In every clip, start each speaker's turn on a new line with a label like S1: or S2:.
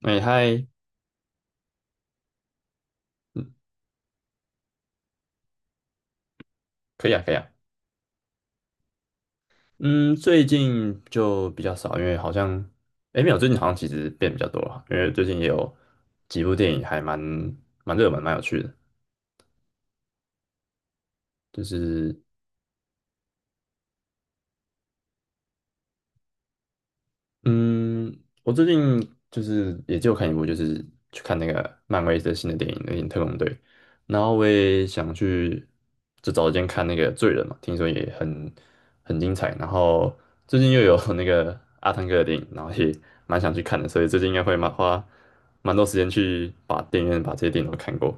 S1: 哎嗨，可以啊，可以啊。嗯，最近就比较少，因为好像，哎，没有，最近好像其实变比较多了，因为最近也有几部电影还蛮热门，蛮有趣的。就是嗯，我最近就是也就看一部，就是去看那个漫威的新的电影《那个特工队》，然后我也想去，就找时间看那个《罪人》嘛，听说也很精彩。然后最近又有 那个阿汤哥的电影，然后也蛮想去看的，所以最近应该会蛮花蛮多时间去把电影院把这些电影都看过。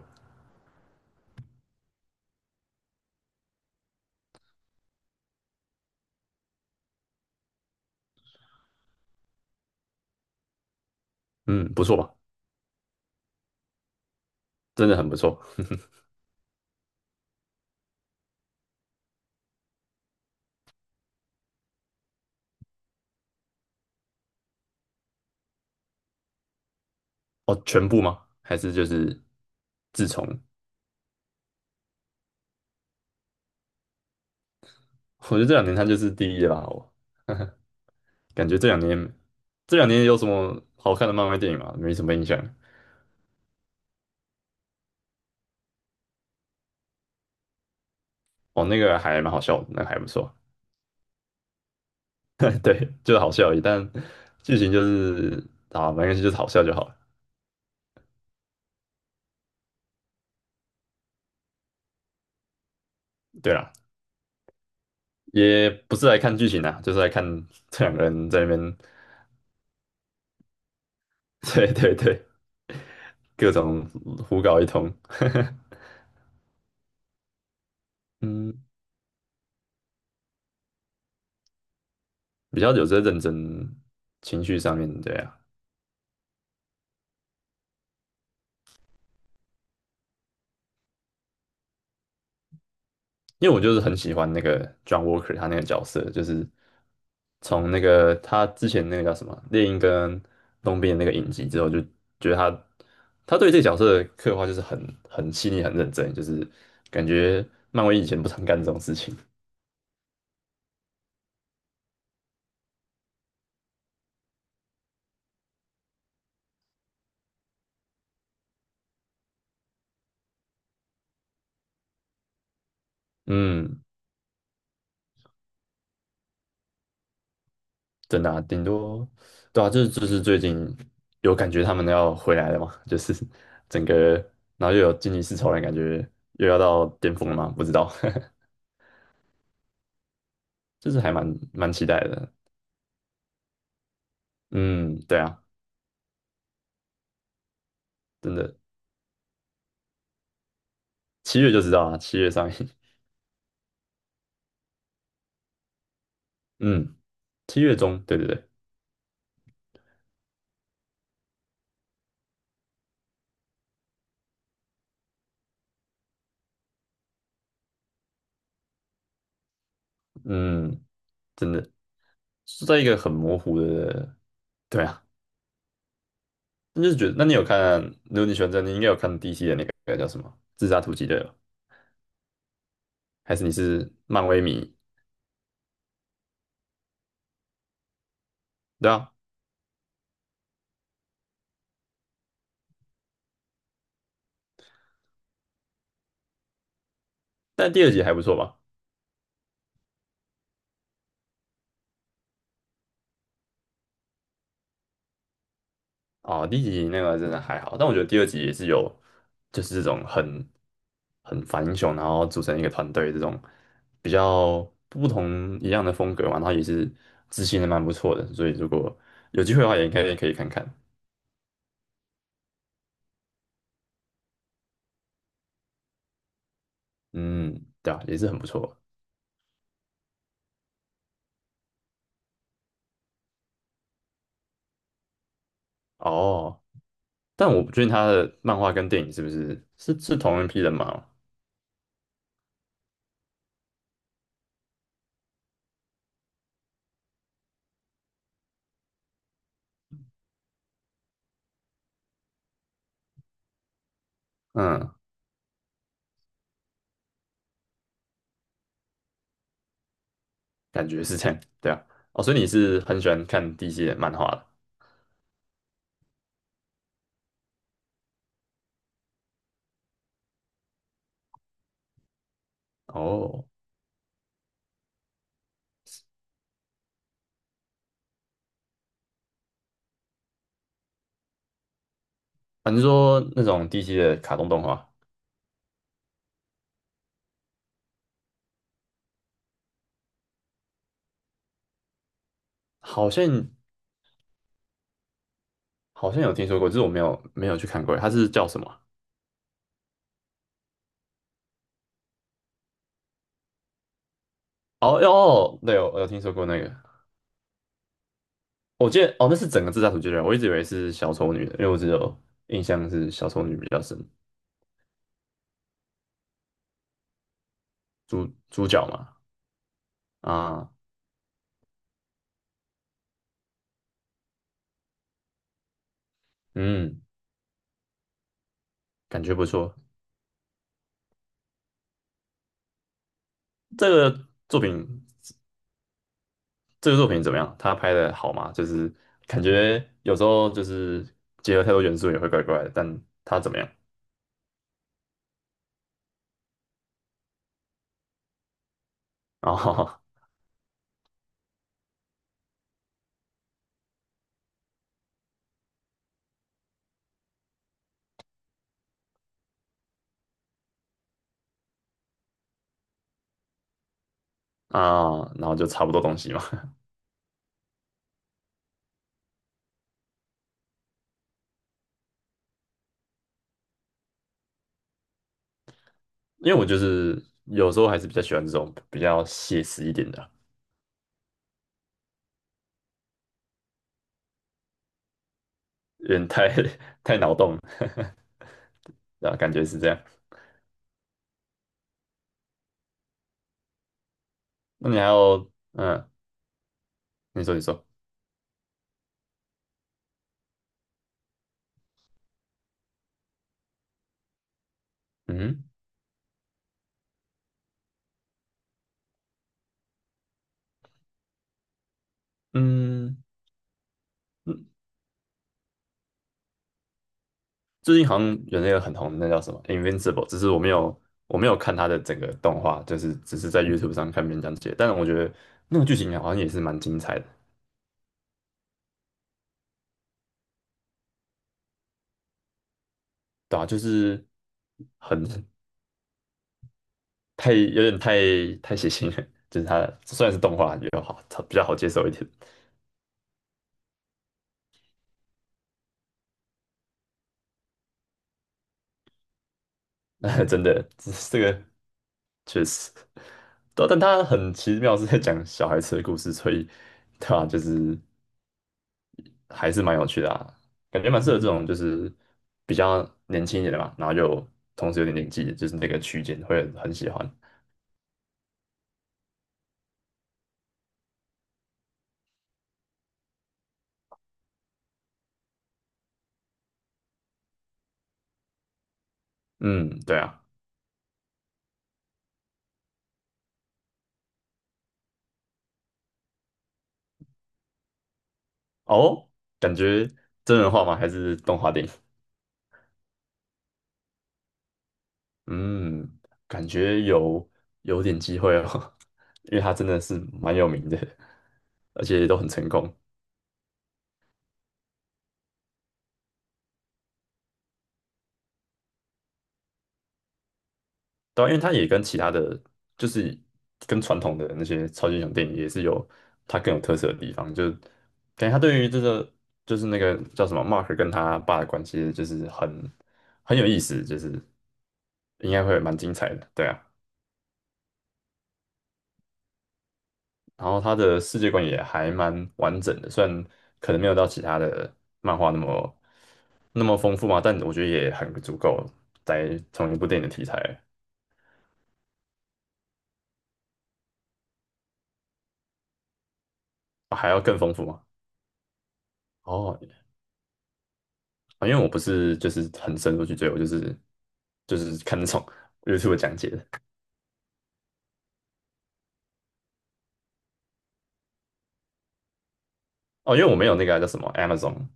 S1: 嗯，不错吧？真的很不错。哦，全部吗？还是就是自从？我觉得这两年他就是第一了吧，我。感觉这两年有什么好看的漫威电影吗？没什么印象。哦，那个还蛮好笑的，那个还不错。对，就是好笑而已，但剧情就是啊，没关系，就是好笑就好了。对啦，也不是来看剧情啊，就是来看这两个人在那边，对对对，各种胡搞一通。嗯，比较有在认真情绪上面，对啊。因为我就是很喜欢那个 John Walker 他那个角色，就是从那个他之前那个叫什么猎鹰跟冬兵的那个影集之后，就觉得他对这个角色的刻画就是很细腻、很认真，就是感觉漫威以前不常干这种事情。嗯，真的啊，顶多对啊，就是最近有感觉他们要回来了嘛，就是整个然后又有惊奇四超人，感觉又要到巅峰了嘛，不知道，就是还蛮期待的。嗯，对啊。真的，七月就知道啊，七月上映，嗯，七月中，对对对，嗯，真的是在一个很模糊的，对啊，那就是觉得，那你有看，如果你喜欢这样，你应该有看 DC 的那个叫什么《自杀突击队》吧？还是你是漫威迷？对啊，但第二集还不错吧？哦，第一集那个真的还好，但我觉得第二集也是有，就是这种很反英雄，然后组成一个团队这种比较不同一样的风格嘛，然后也是执行的蛮不错的，所以如果有机会的话，也应该也可以看看。嗯，对啊，也是很不错哦。但我不确定他的漫画跟电影是不是同一批人嘛？嗯，感觉是这样，对啊。哦，所以你是很喜欢看 DC 的漫画的哦？反正说那种 DC 的卡通动画？好像好像有听说过，就是我没有去看过，它是叫什么啊？哦哟，哦对，我有听说过那个，我记得哦，那是整个自杀突击队，我一直以为是小丑女的，因为我只有印象是小丑女比较深，主角嘛，啊，嗯，感觉不错。这个作品，这个作品怎么样？他拍的好吗？就是感觉有时候就是结合太多元素也会怪怪的，但他怎么样？然后 啊，然后就差不多东西嘛。因为我就是有时候还是比较喜欢这种比较写实一点的啊，有点太 太脑洞了，对啊，感觉是这样。那你还有，你说，嗯嗯，最近好像有那个很红的，那叫什么《Invincible》，只是我没有看它的整个动画，就是只是在 YouTube 上看别人讲解，但是我觉得那个剧情好像也是蛮精彩的，对啊，就是很太有点太血腥了，就是它虽然是动画比较好，比较好接受一点。真的，这个确实，对啊但他很奇妙是在讲小孩子的故事，所以对啊，就是还是蛮有趣的啊，感觉蛮适合这种就是比较年轻一点的嘛，然后就同时有点年纪，就是那个区间会很喜欢。嗯，对啊，哦，感觉真人化吗？还是动画电影？嗯，感觉有点机会哦，因为他真的是蛮有名的，而且都很成功。对啊因为他也跟其他的，就是跟传统的那些超级英雄电影也是有它更有特色的地方，就感觉他对于这个就是那个叫什么 Mark 跟他爸的关系，就是很有意思，就是应该会蛮精彩的，对啊。然后他的世界观也还蛮完整的，虽然可能没有到其他的漫画那么丰富嘛，但我觉得也很足够，在同一部电影的题材，啊还要更丰富嘛。哦，啊，因为我不是就是很深入去追，我就是看那种 YouTube 讲解的。哦，因为我没有那个啊叫什么 Amazon。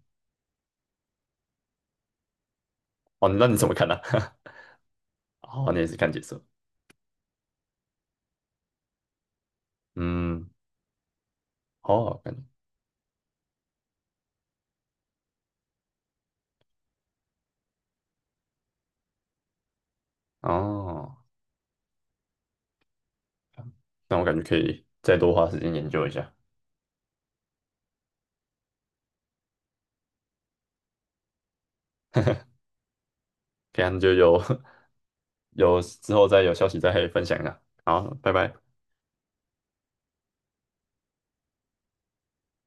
S1: 哦，那你怎么看呢、啊 哦，你也是看解说。嗯，哦，感觉哦，那我感觉可以再多花时间研究一下，看就有 有之后再有消息再分享一下。好，拜拜。